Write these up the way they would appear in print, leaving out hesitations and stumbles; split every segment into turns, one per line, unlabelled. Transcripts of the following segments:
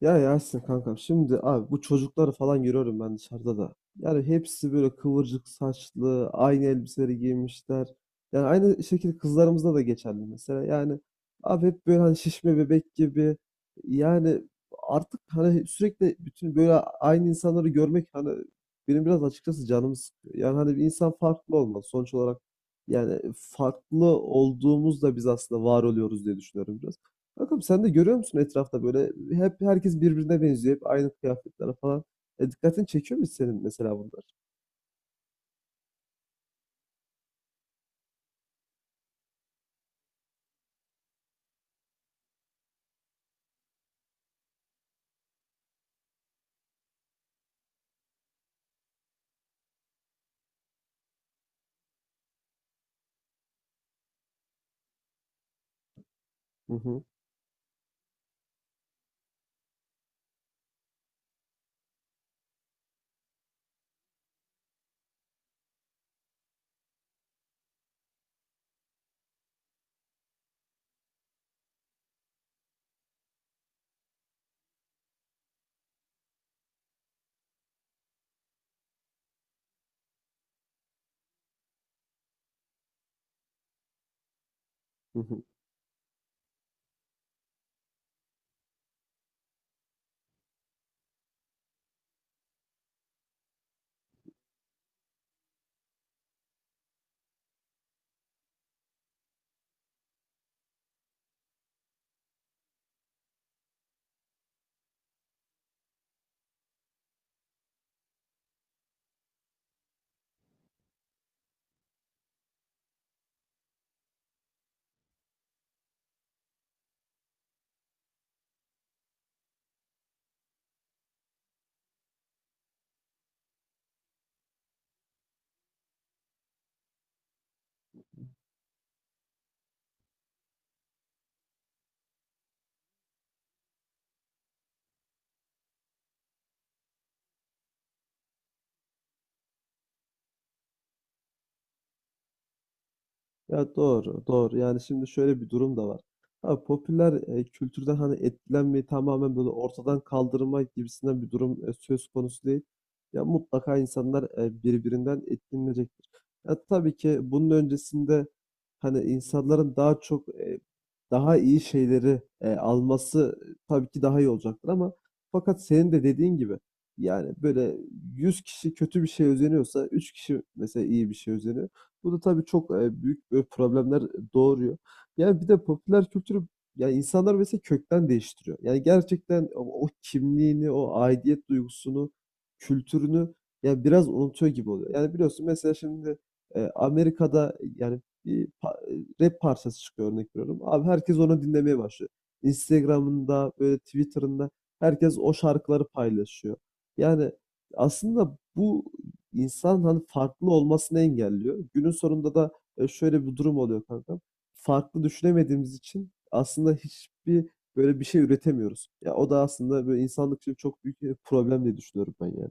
Ya Yasin kankam şimdi abi bu çocukları falan görüyorum ben dışarıda da. Yani hepsi böyle kıvırcık saçlı, aynı elbiseleri giymişler. Yani aynı şekilde kızlarımızda da geçerli mesela. Yani abi hep böyle hani şişme bebek gibi. Yani artık hani sürekli bütün böyle aynı insanları görmek hani benim biraz açıkçası canımı sıkıyor. Yani hani bir insan farklı olmalı sonuç olarak. Yani farklı olduğumuzda biz aslında var oluyoruz diye düşünüyorum biraz. Bakalım sen de görüyor musun etrafta böyle hep herkes birbirine benziyor. Hep aynı kıyafetler falan. Dikkatini çekiyor mu senin mesela bunlar? Hı hı. Hı hı. Ya doğru, doğru. Yani şimdi şöyle bir durum da var. Abi popüler kültürden hani etkilenmeyi tamamen böyle ortadan kaldırma gibisinden bir durum söz konusu değil. Ya mutlaka insanlar birbirinden etkilenecektir. Ya tabii ki bunun öncesinde hani insanların daha çok daha iyi şeyleri alması tabii ki daha iyi olacaktır ama fakat senin de dediğin gibi yani böyle 100 kişi kötü bir şey özeniyorsa 3 kişi mesela iyi bir şey özeniyor. Bu da tabii çok, büyük, böyle, problemler doğuruyor. Yani bir de popüler kültürü yani insanlar mesela kökten değiştiriyor. Yani gerçekten o kimliğini, o aidiyet duygusunu, kültürünü yani biraz unutuyor gibi oluyor. Yani biliyorsun mesela şimdi, Amerika'da, yani, bir rap parçası çıkıyor örnek veriyorum. Abi herkes onu dinlemeye başlıyor. Instagram'ında, böyle, Twitter'ında herkes o şarkıları paylaşıyor. Yani aslında bu insan hani farklı olmasını engelliyor. Günün sonunda da şöyle bir durum oluyor kanka. Farklı düşünemediğimiz için aslında hiçbir böyle bir şey üretemiyoruz. Ya o da aslında böyle insanlık için çok büyük bir problem diye düşünüyorum ben yani.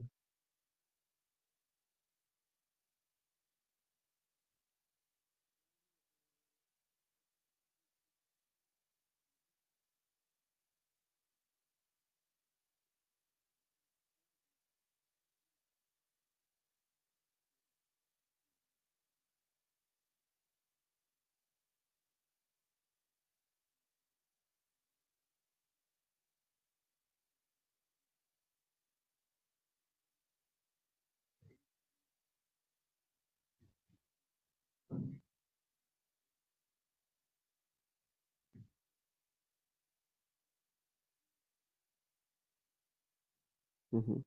Hı hı.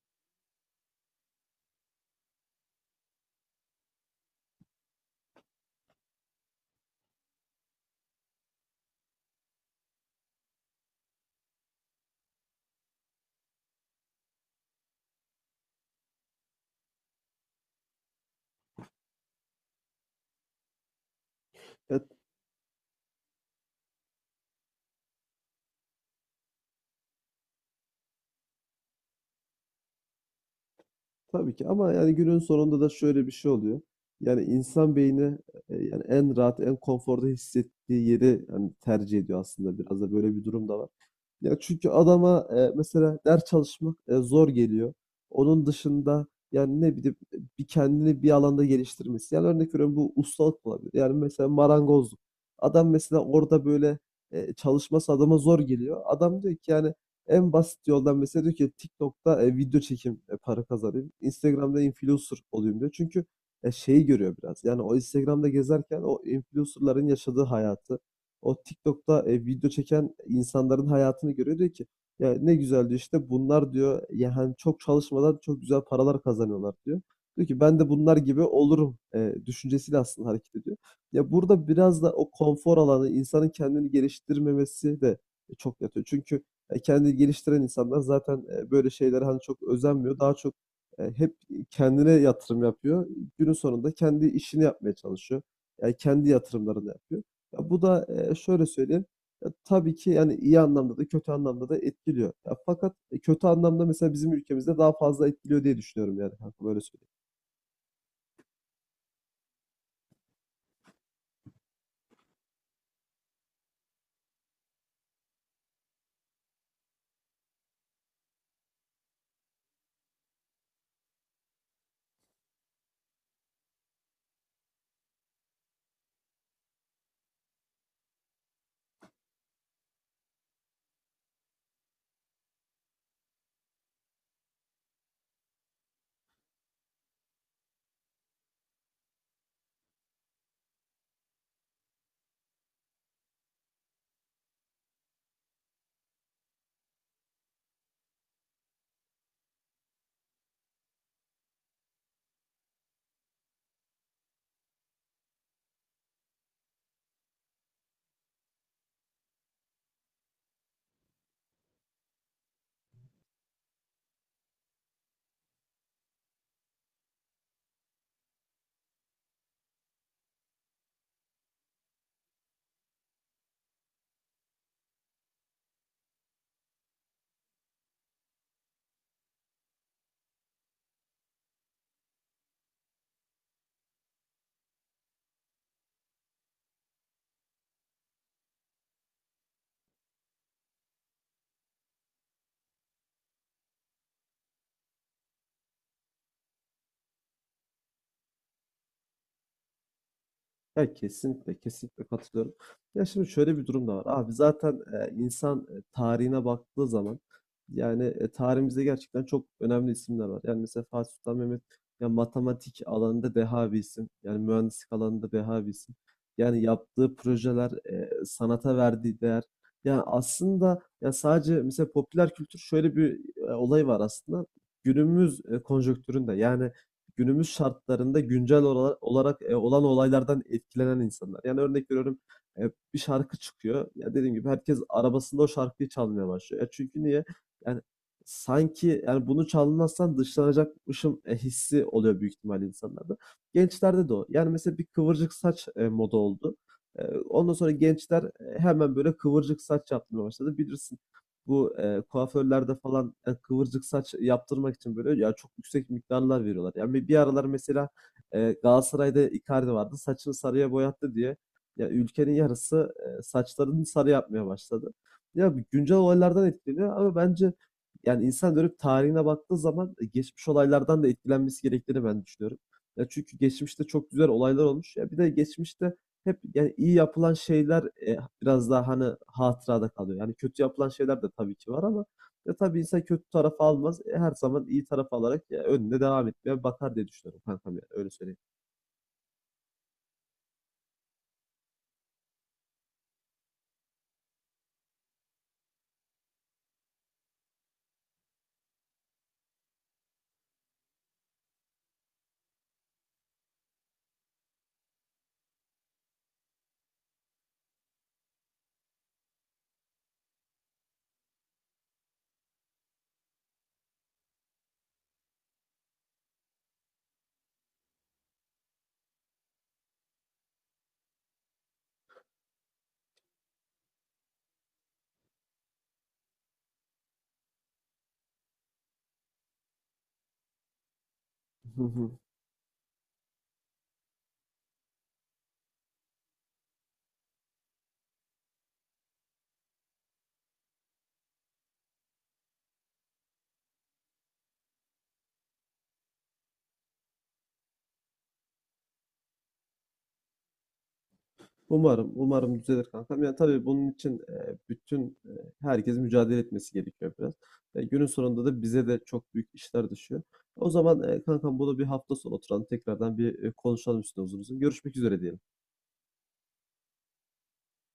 Ya, tabii ki ama yani günün sonunda da şöyle bir şey oluyor. Yani insan beyni yani en rahat, en konforda hissettiği yeri yani tercih ediyor aslında biraz da böyle bir durum da var. Ya çünkü adama, mesela ders çalışmak, zor geliyor. Onun dışında, yani, ne bileyim, bir kendini bir alanda geliştirmesi, yani, örnek veriyorum, bu ustalık olabilir. Yani, mesela marangozluk. Adam mesela orada, böyle, çalışması adama zor geliyor. Adam diyor ki, yani, en basit yoldan mesela diyor ki TikTok'ta, video çekim para kazanayım. Instagram'da influencer olayım diyor. Çünkü, şeyi görüyor biraz, yani, o Instagram'da gezerken o influencer'ların yaşadığı hayatı, o TikTok'ta video çeken insanların hayatını görüyor. Diyor ki ya ne güzel diyor işte bunlar diyor yani çok çalışmadan çok güzel paralar kazanıyorlar diyor. Diyor ki ben de bunlar gibi olurum düşüncesiyle aslında hareket ediyor. Ya burada biraz da o konfor alanı insanın kendini geliştirmemesi de çok yatıyor. Çünkü kendini geliştiren insanlar zaten böyle şeylere hani çok özenmiyor. Daha çok hep kendine yatırım yapıyor. Günün sonunda kendi işini yapmaya çalışıyor. Yani kendi yatırımlarını yapıyor. Ya bu da, şöyle söyleyeyim, ya tabii ki, yani, iyi anlamda da kötü anlamda da etkiliyor. Ya fakat, kötü anlamda mesela bizim ülkemizde daha fazla etkiliyor diye düşünüyorum yani kanka, böyle söyleyeyim. Ya kesinlikle, kesinlikle katılıyorum. Ya şimdi şöyle bir durum da var. Abi zaten insan tarihine baktığı zaman yani tarihimizde gerçekten çok önemli isimler var. Yani mesela Fatih Sultan Mehmet ya matematik alanında deha bir isim. Yani mühendislik alanında deha bir isim. Yani yaptığı projeler, sanata verdiği değer. Yani aslında ya sadece mesela popüler kültür şöyle bir olay var aslında. Günümüz konjonktüründe yani günümüz şartlarında güncel olarak olan olaylardan etkilenen insanlar. Yani örnek veriyorum bir şarkı çıkıyor. Ya dediğim gibi herkes arabasında o şarkıyı çalmaya başlıyor. Çünkü niye? Yani sanki yani bunu çalmazsan dışlanacakmışım hissi oluyor büyük ihtimalle insanlarda. Gençlerde de o. Yani mesela bir kıvırcık saç moda oldu. Ondan sonra gençler hemen böyle kıvırcık saç yapmaya başladı. Bilirsin bu kuaförlerde falan kıvırcık saç yaptırmak için böyle ya çok yüksek miktarlar veriyorlar. Yani bir aralar mesela Galatasaray'da Icardi vardı. Saçını sarıya boyattı diye ya ülkenin yarısı saçlarını sarı yapmaya başladı. Ya bu güncel olaylardan etkileniyor ama bence yani insan dönüp tarihine baktığı zaman geçmiş olaylardan da etkilenmesi gerektiğini ben düşünüyorum. Ya çünkü geçmişte çok güzel olaylar olmuş. Ya bir de geçmişte hep yani iyi yapılan şeyler, biraz daha, hani, hatırada kalıyor. Yani kötü yapılan şeyler de tabii ki var ama ya, tabii insan kötü tarafı almaz. Her zaman iyi taraf alarak, önüne devam etmeye bakar diye düşünüyorum kankam ya, öyle söyleyeyim. Hı hı. Umarım, umarım düzelir kankam. Yani tabii bunun için, bütün, herkesin mücadele etmesi gerekiyor biraz. Günün sonunda da bize de çok büyük işler düşüyor. O zaman, kankam bunu bir hafta sonu oturalım, tekrardan bir, konuşalım üstüne uzun uzun. Görüşmek üzere diyelim.